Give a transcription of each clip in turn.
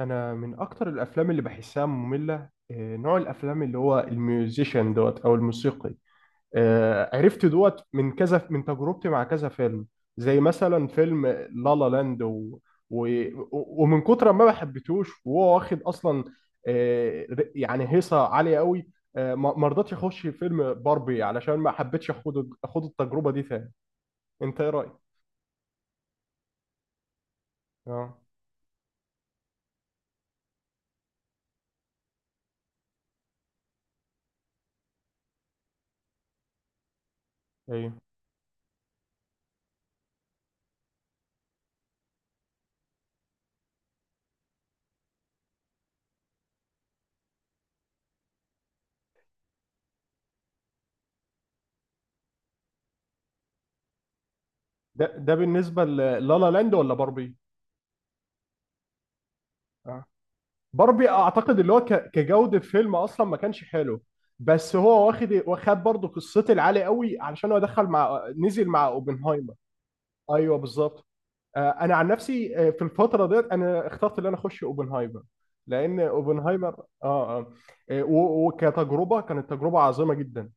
انا من اكتر الافلام اللي بحسها ممله، نوع الافلام اللي هو الميوزيشن دوت او الموسيقي. عرفت دوت من كذا من تجربتي مع كذا فيلم. زي مثلا فيلم لا لا لاند. و... ومن كتر ما حبيتهوش وهو واخد اصلا. يعني هيصه عاليه قوي. ما رضيتش اخش فيلم باربي علشان ما حبيتش اخد التجربه دي تاني. انت ايه رايك؟ اه. ايوه. ده بالنسبه للا لا لا لاند ولا باربي؟ آه. باربي اعتقد اللي هو كجوده فيلم اصلا ما كانش حلو. بس هو واخد برضه قصتي العالي قوي علشان هو دخل مع نزل مع اوبنهايمر. ايوه، بالظبط. انا عن نفسي، في الفتره ديت انا اخترت ان انا اخش اوبنهايمر. لان اوبنهايمر وكتجربه كانت تجربه عظيمه جدا.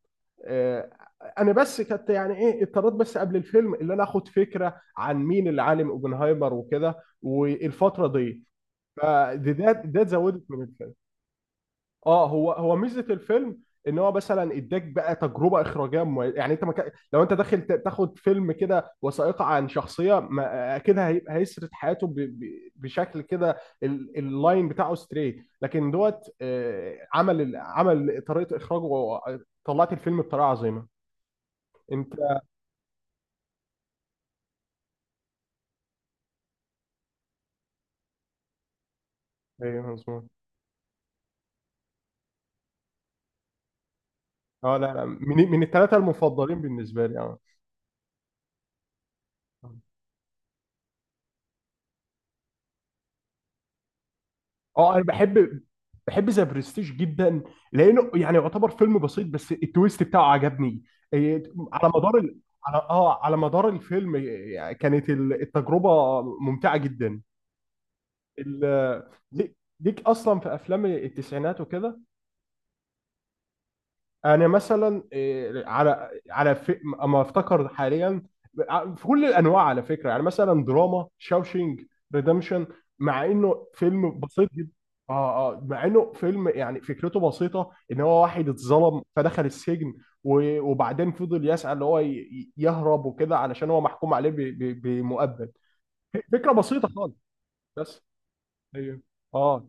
آه، انا بس كنت يعني ايه اضطريت بس قبل الفيلم ان انا اخد فكره عن مين اللي عالم اوبنهايمر وكده والفتره دي. فده ده ده زودت من الفيلم. اه، هو ميزه الفيلم. ان هو مثلا اداك بقى تجربه اخراجيه يعني انت لو انت داخل تاخد فيلم كده وثائقي عن شخصيه ما... اكيد هيسرد حياته بشكل كده اللاين بتاعه ستريت، لكن دوت، عمل طريقه اخراجه، طلعت الفيلم بطريقه عظيمه. انت. ايوه، مظبوط. اه، لا لا، من الثلاثه المفضلين بالنسبه لي. اه. اه، انا بحب ذا برستيج جدا، لانه يعني يعتبر فيلم بسيط بس التويست بتاعه عجبني. إيه، على مدار ال... على مدار الفيلم، إيه، كانت التجربه ممتعه جدا. ال... ليك اصلا في افلام التسعينات وكده. انا مثلا، إيه، على على اما افتكر حاليا، في كل الانواع على فكره، يعني مثلا دراما شاوشينج ريدمشن، مع انه فيلم بسيط جدا. اه، اه، مع انه فيلم يعني فكرته بسيطه، ان هو واحد اتظلم فدخل السجن، وبعدين فضل يسعى اللي هو يهرب وكده علشان هو محكوم عليه بمؤبد. فكره بسيطه خالص، بس. ايوه. اه.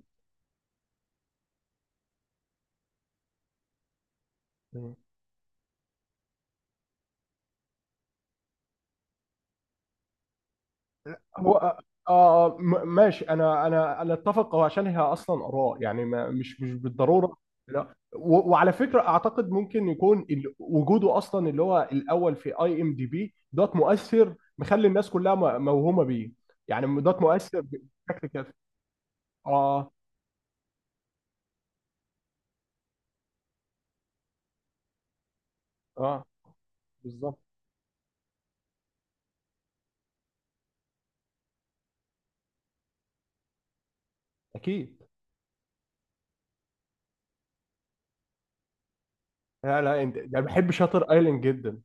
هو. ماشي، انا اتفق، هو عشان هي اصلا اراء، يعني ما مش مش بالضروره. لا، وعلى فكره اعتقد ممكن يكون وجوده اصلا اللي هو الاول في IMDb دوت مؤثر، مخلي الناس كلها موهومه بيه. يعني دوت مؤثر بشكل كافي. اه، اه، بالظبط. اكيد. لا، لا، انت ده بحب شاطر ايلاند جدا.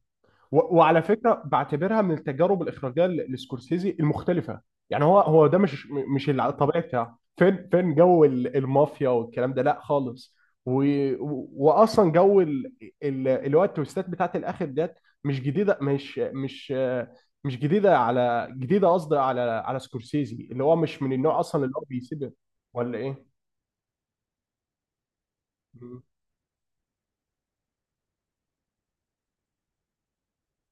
وعلى فكره بعتبرها من التجارب الاخراجيه لسكورسيزي المختلفه. يعني هو ده مش الطبيعي بتاعه. فين فين جو المافيا والكلام ده، لا خالص. و... واصلا جو اللي هو التويستات بتاعت الاخر ديت. مش جديده، مش جديده على جديده قصدي على سكورسيزي، اللي هو مش من النوع اصلا اللي هو بيسيب. ولا ايه؟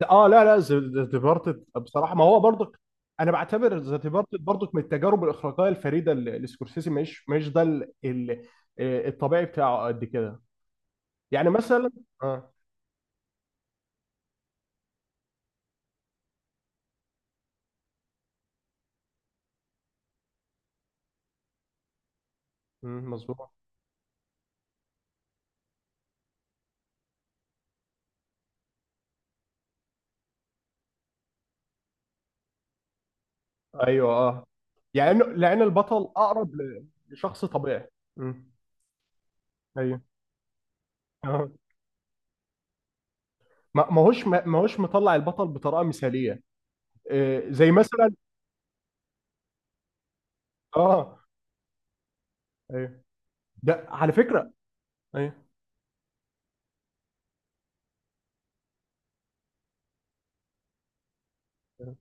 اه، لا لا، ذا ديبارتد بصراحه ما هو برضك. انا بعتبر ذا ديبارتد برضك من التجارب الاخراجيه الفريده اللي سكورسيزي مش ده الطبيعي بتاعه قد كده. يعني مثلا. اه. مم، مظبوط. ايوه. اه. يعني لان البطل اقرب لشخص طبيعي. مم، ايوه، آه. ما هوش مطلع البطل بطريقه مثاليه. زي مثلا. اه. ايوه، ده على فكره. ايوه. اه.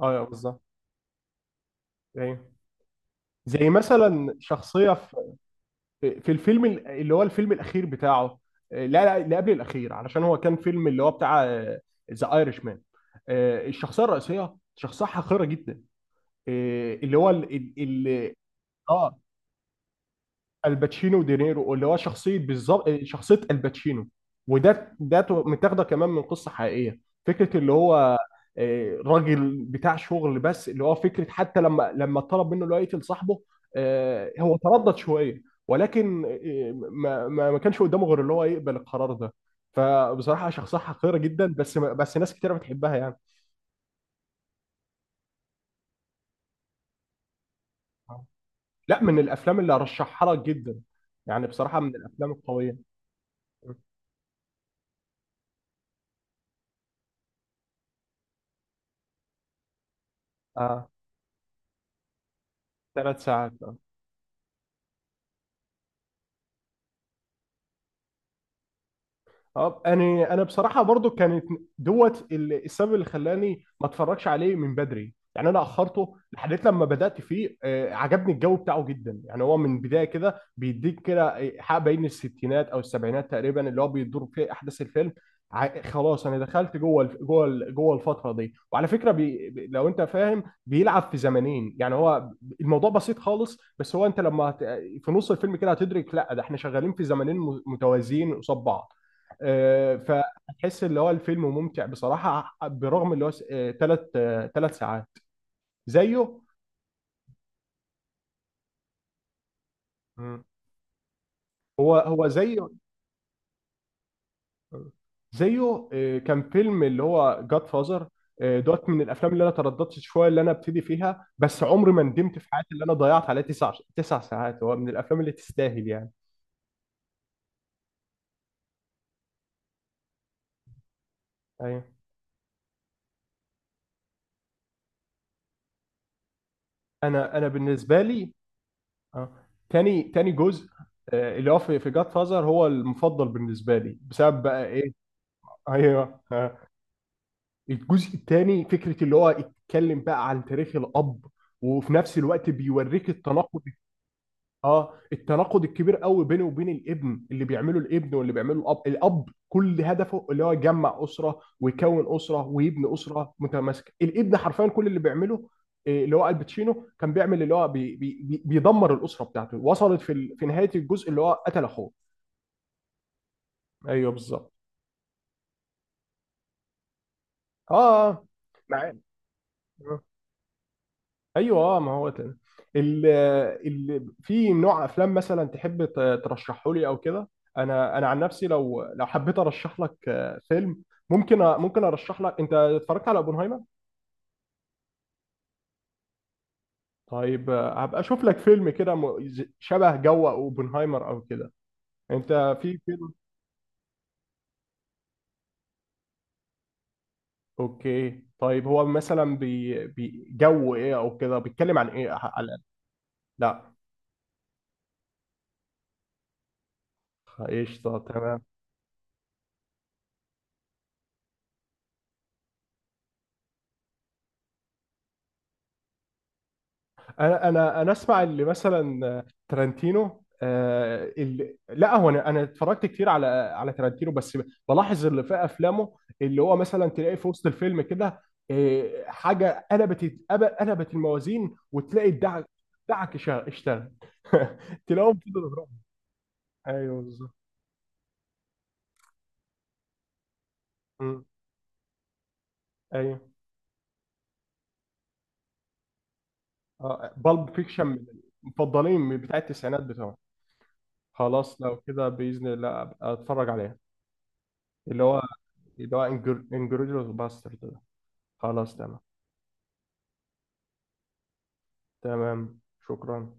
بالظبط. ايوه. زي مثلا شخصيه في الفيلم، اللي هو الفيلم الاخير بتاعه، لا لا، اللي قبل الاخير علشان هو كان فيلم اللي هو بتاع ذا ايرش مان. الشخصيه الرئيسيه شخصيه حقيره جدا. آه، اللي هو ال ال ال- اه، الباتشينو ودينيرو، اللي هو شخصيه بالظبط شخصيه الباتشينو. وده متاخده كمان من قصه حقيقيه. فكره اللي هو، راجل بتاع شغل، بس اللي هو فكره حتى لما طلب منه اللي هو يقتل صاحبه، هو تردد شويه. ولكن ما كانش قدامه غير اللي هو يقبل القرار ده. فبصراحه شخصيه حقيره جدا، بس ناس كتير بتحبها يعني. لا، من الافلام اللي ارشحها لك جدا، يعني بصراحه من الافلام القويه. اه، 3 ساعات. اه، انا بصراحه برضو كانت دوت السبب اللي خلاني ما اتفرجش عليه من بدري، يعني انا اخرته لحد لما بدات فيه. عجبني الجو بتاعه جدا، يعني هو من بدايه كده بيديك كده، حق بين الستينات او السبعينات تقريبا اللي هو بيدور فيه احداث الفيلم. خلاص، انا دخلت جوه جوه الفتره دي. وعلى فكره بي لو انت فاهم بيلعب في زمنين، يعني هو الموضوع بسيط خالص، بس هو انت لما في نص الفيلم كده هتدرك لا، ده احنا شغالين في زمنين متوازيين قصاد بعض. فتحس اللي هو الفيلم ممتع بصراحة برغم اللي هو ثلاث ثلاث ساعات. زيه. مم. هو زيه. زيه، كان فيلم اللي هو جاد فازر دوت من الافلام اللي انا ترددت شويه اللي انا ابتدي فيها، بس عمري ما ندمت في حياتي اللي انا ضيعت عليها تسع ساعات، هو من الافلام اللي تستاهل يعني. ايوه، انا بالنسبه لي. آه، تاني جزء، اللي هو في جاد فازر هو المفضل بالنسبه لي بسبب بقى ايه. ايوه. الجزء الثاني فكره اللي هو اتكلم بقى عن تاريخ الاب، وفي نفس الوقت بيوريك التناقض. اه، التناقض الكبير قوي بينه وبين الابن، اللي بيعمله الابن واللي بيعمله الاب كل هدفه اللي هو يجمع اسره ويكون اسره ويبني اسره متماسكه. الابن حرفيا كل اللي بيعمله، اللي هو الباتشينو، كان بيعمل اللي هو بي بي بي بيدمر الاسره بتاعته. وصلت في نهايه الجزء اللي هو قتل اخوه. ايوه، بالظبط. اه، معايا. ايوه، اه، ما هو تاني. ال ال في نوع افلام مثلا تحب ترشحه لي او كده؟ انا عن نفسي، لو حبيت ارشح لك فيلم، ممكن ارشح لك. انت اتفرجت على اوبنهايمر؟ طيب، هبقى اشوف لك فيلم كده شبه جو اوبنهايمر او كده. انت في فيلم. اوكي، طيب، هو مثلا جو ايه او كده بيتكلم عن ايه، على. لا، قشطه، تمام. انا اسمع اللي مثلا ترنتينو، اللي لا هو، انا اتفرجت كتير على ترنتينو، بس بلاحظ اللي في افلامه، اللي هو مثلا تلاقيه في وسط الفيلم كده، حاجه قلبت الموازين، وتلاقي الدعك دعك اشتغل. تلاقيهم كده بيضربوا. ايوه، بالظبط. مم. ايوه، اه. بالب فيكشن من المفضلين بتاع التسعينات بتوعه. خلاص، لو كده باذن الله أبقى اتفرج عليها، اللي هو اللي هو انجريديوس باسترد. خلاص، تمام، تمام، شكرا.